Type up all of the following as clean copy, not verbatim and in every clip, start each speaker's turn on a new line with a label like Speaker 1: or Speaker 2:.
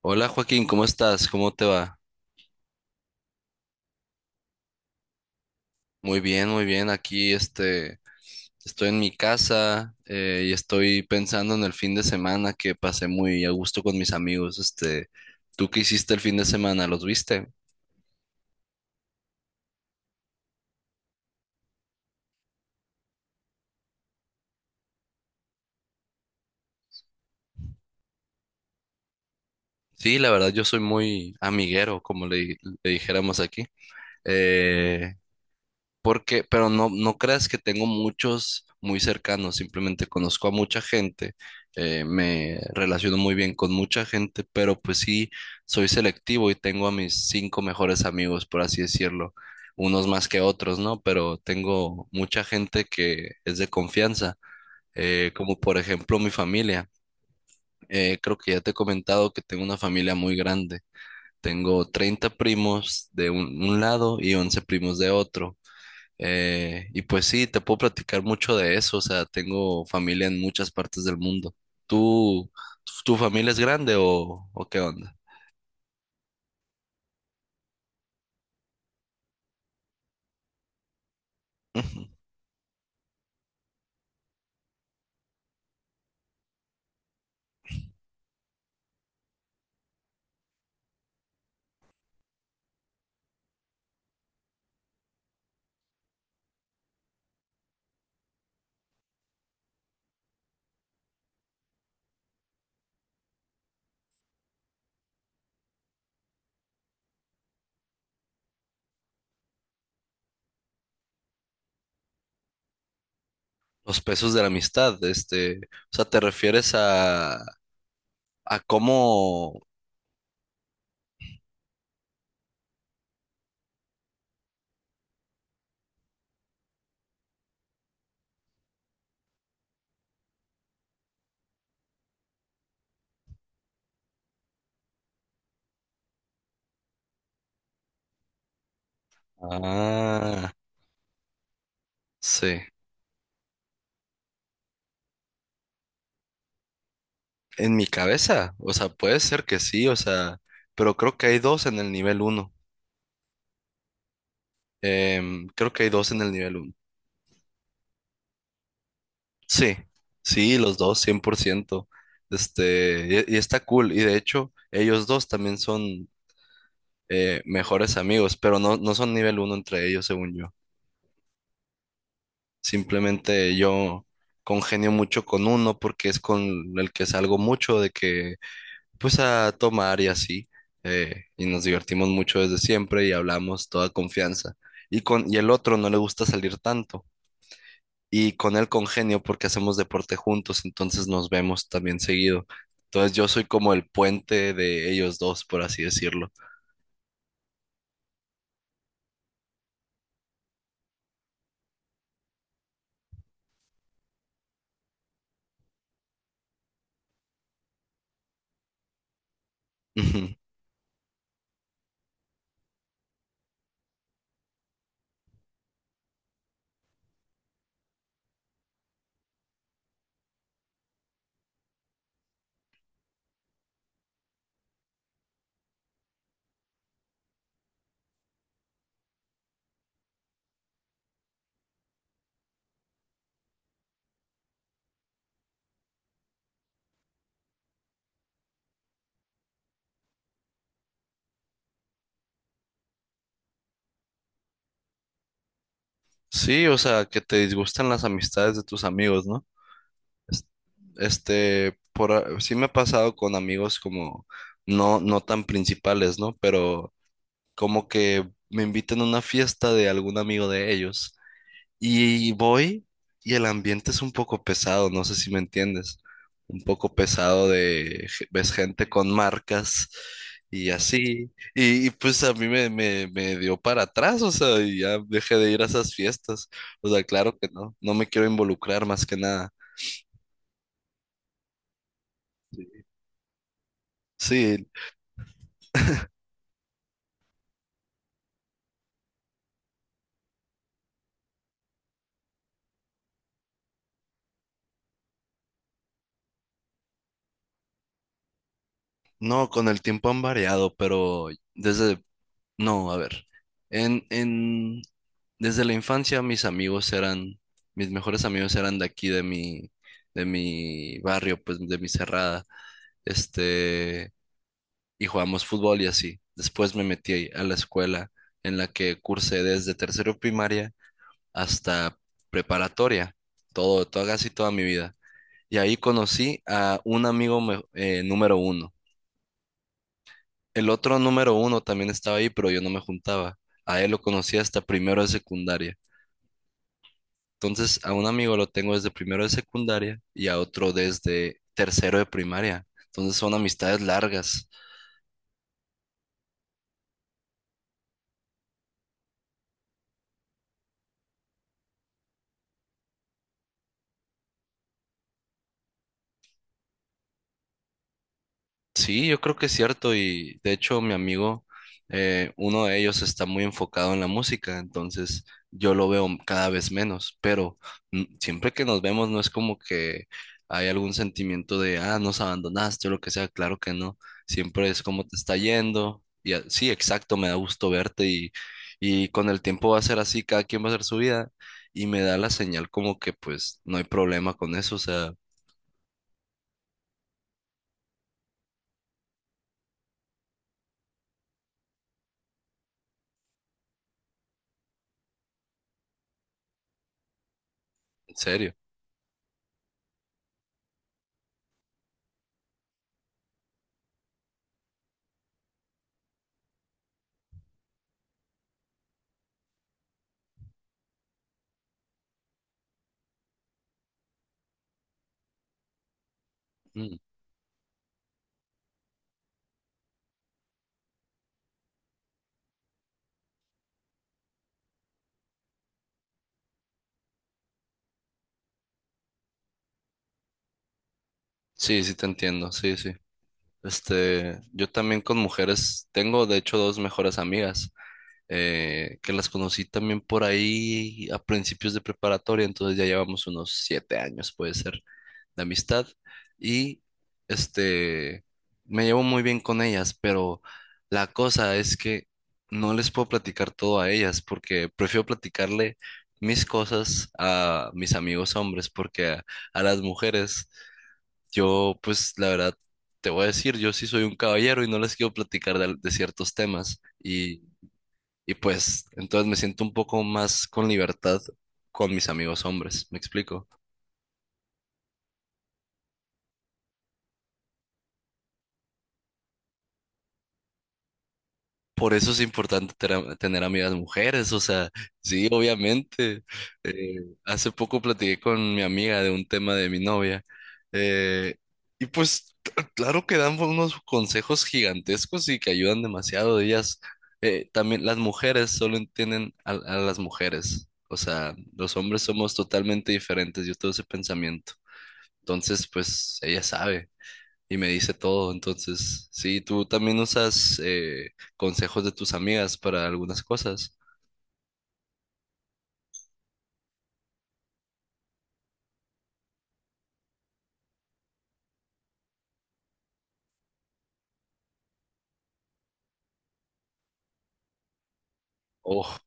Speaker 1: Hola Joaquín, ¿cómo estás? ¿Cómo te va? Muy bien, muy bien. Aquí estoy en mi casa y estoy pensando en el fin de semana que pasé muy a gusto con mis amigos. ¿Tú qué hiciste el fin de semana? ¿Los viste? Sí, la verdad yo soy muy amiguero, como le dijéramos aquí. Eh, pero no, no creas que tengo muchos muy cercanos, simplemente conozco a mucha gente, me relaciono muy bien con mucha gente, pero pues sí, soy selectivo y tengo a mis cinco mejores amigos, por así decirlo, unos más que otros, ¿no? Pero tengo mucha gente que es de confianza, como por ejemplo mi familia. Creo que ya te he comentado que tengo una familia muy grande. Tengo 30 primos de un lado y 11 primos de otro. Y pues sí, te puedo platicar mucho de eso. O sea, tengo familia en muchas partes del mundo. ¿Tú, tu familia es grande o qué onda? Ujú. Los pesos de la amistad, o sea, ¿te refieres a cómo? Ah, sí. En mi cabeza, o sea, puede ser que sí, o sea, pero creo que hay dos en el nivel uno. Creo que hay dos en el nivel uno. Sí, sí, los dos, 100%. Y está cool. Y de hecho, ellos dos también son mejores amigos, pero no, no son nivel uno entre ellos, según yo. Simplemente yo congenio mucho con uno porque es con el que salgo mucho de que, pues a tomar y así. Y nos divertimos mucho desde siempre y hablamos toda confianza. Y el otro no le gusta salir tanto. Y con él congenio porque hacemos deporte juntos, entonces nos vemos también seguido. Entonces yo soy como el puente de ellos dos, por así decirlo. Ujú. Sí, o sea, que te disgustan las amistades de tus amigos, ¿no? Es- sí me ha pasado con amigos como no, no tan principales, ¿no? Pero como que me invitan a una fiesta de algún amigo de ellos. Y voy y el ambiente es un poco pesado, no sé si me entiendes. Un poco pesado de, ves gente con marcas y así. Pues a mí me dio para atrás, o sea, y ya dejé de ir a esas fiestas. O sea, claro que no, no me quiero involucrar más que nada. Sí, no, con el tiempo han variado, pero desde no, a ver. En, en, desde la infancia mis mejores amigos eran de aquí, de mi barrio, pues de mi cerrada. Este, y jugábamos fútbol y así. Después me metí a la escuela en la que cursé desde tercero primaria hasta preparatoria, casi toda mi vida. Y ahí conocí a un amigo número uno. El otro número uno también estaba ahí, pero yo no me juntaba. A él lo conocí hasta primero de secundaria. Entonces, a un amigo lo tengo desde primero de secundaria y a otro desde tercero de primaria. Entonces, son amistades largas. Sí, yo creo que es cierto y de hecho mi amigo, uno de ellos está muy enfocado en la música, entonces yo lo veo cada vez menos, pero siempre que nos vemos no es como que hay algún sentimiento de, ah, nos abandonaste o lo que sea, claro que no, siempre es como te está yendo y sí, exacto, me da gusto verte y con el tiempo va a ser así, cada quien va a hacer su vida y me da la señal como que pues no hay problema con eso, o sea, en serio. Mm. Sí, sí te entiendo, sí, sí. Yo también con mujeres, tengo de hecho dos mejores amigas, que las conocí también por ahí a principios de preparatoria, entonces ya llevamos unos 7 años, puede ser, de amistad, y este, me llevo muy bien con ellas, pero la cosa es que no les puedo platicar todo a ellas, porque prefiero platicarle mis cosas a mis amigos hombres, porque a las mujeres yo, pues, la verdad, te voy a decir, yo sí soy un caballero y no les quiero platicar de ciertos temas. Y pues, entonces me siento un poco más con libertad con mis amigos hombres, ¿me explico? Por eso es importante tener amigas mujeres, o sea, sí, obviamente. Eh, hace poco platiqué con mi amiga de un tema de mi novia eh, y pues claro que dan unos consejos gigantescos y que ayudan demasiado. También las mujeres solo entienden a las mujeres, o sea, los hombres somos totalmente diferentes, yo tengo ese pensamiento. Entonces, pues ella sabe y me dice todo. Entonces, sí, tú también usas consejos de tus amigas para algunas cosas. Oh,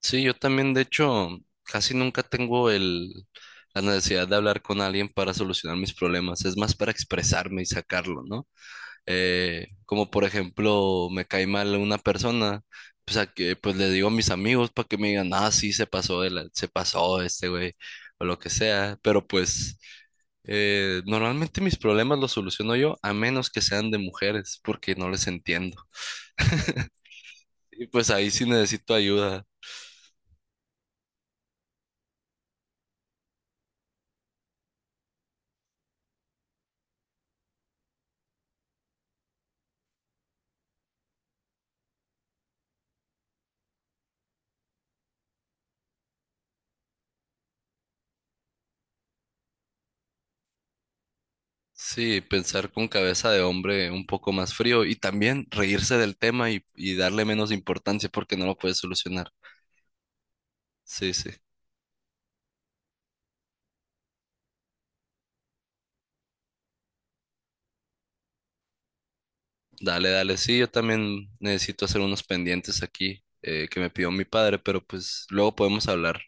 Speaker 1: sí, yo también, de hecho, casi nunca tengo la necesidad de hablar con alguien para solucionar mis problemas. Es más para expresarme y sacarlo, ¿no? Como por ejemplo me cae mal una persona, pues le digo a mis amigos para que me digan, ah, sí, se pasó, se pasó este güey, o lo que sea, pero pues normalmente mis problemas los soluciono yo, a menos que sean de mujeres, porque no les entiendo. Y pues ahí sí necesito ayuda. Sí, pensar con cabeza de hombre un poco más frío y también reírse del tema y darle menos importancia porque no lo puedes solucionar. Sí, sí. Dale, dale, sí, yo también necesito hacer unos pendientes aquí que me pidió mi padre, pero pues luego podemos hablar.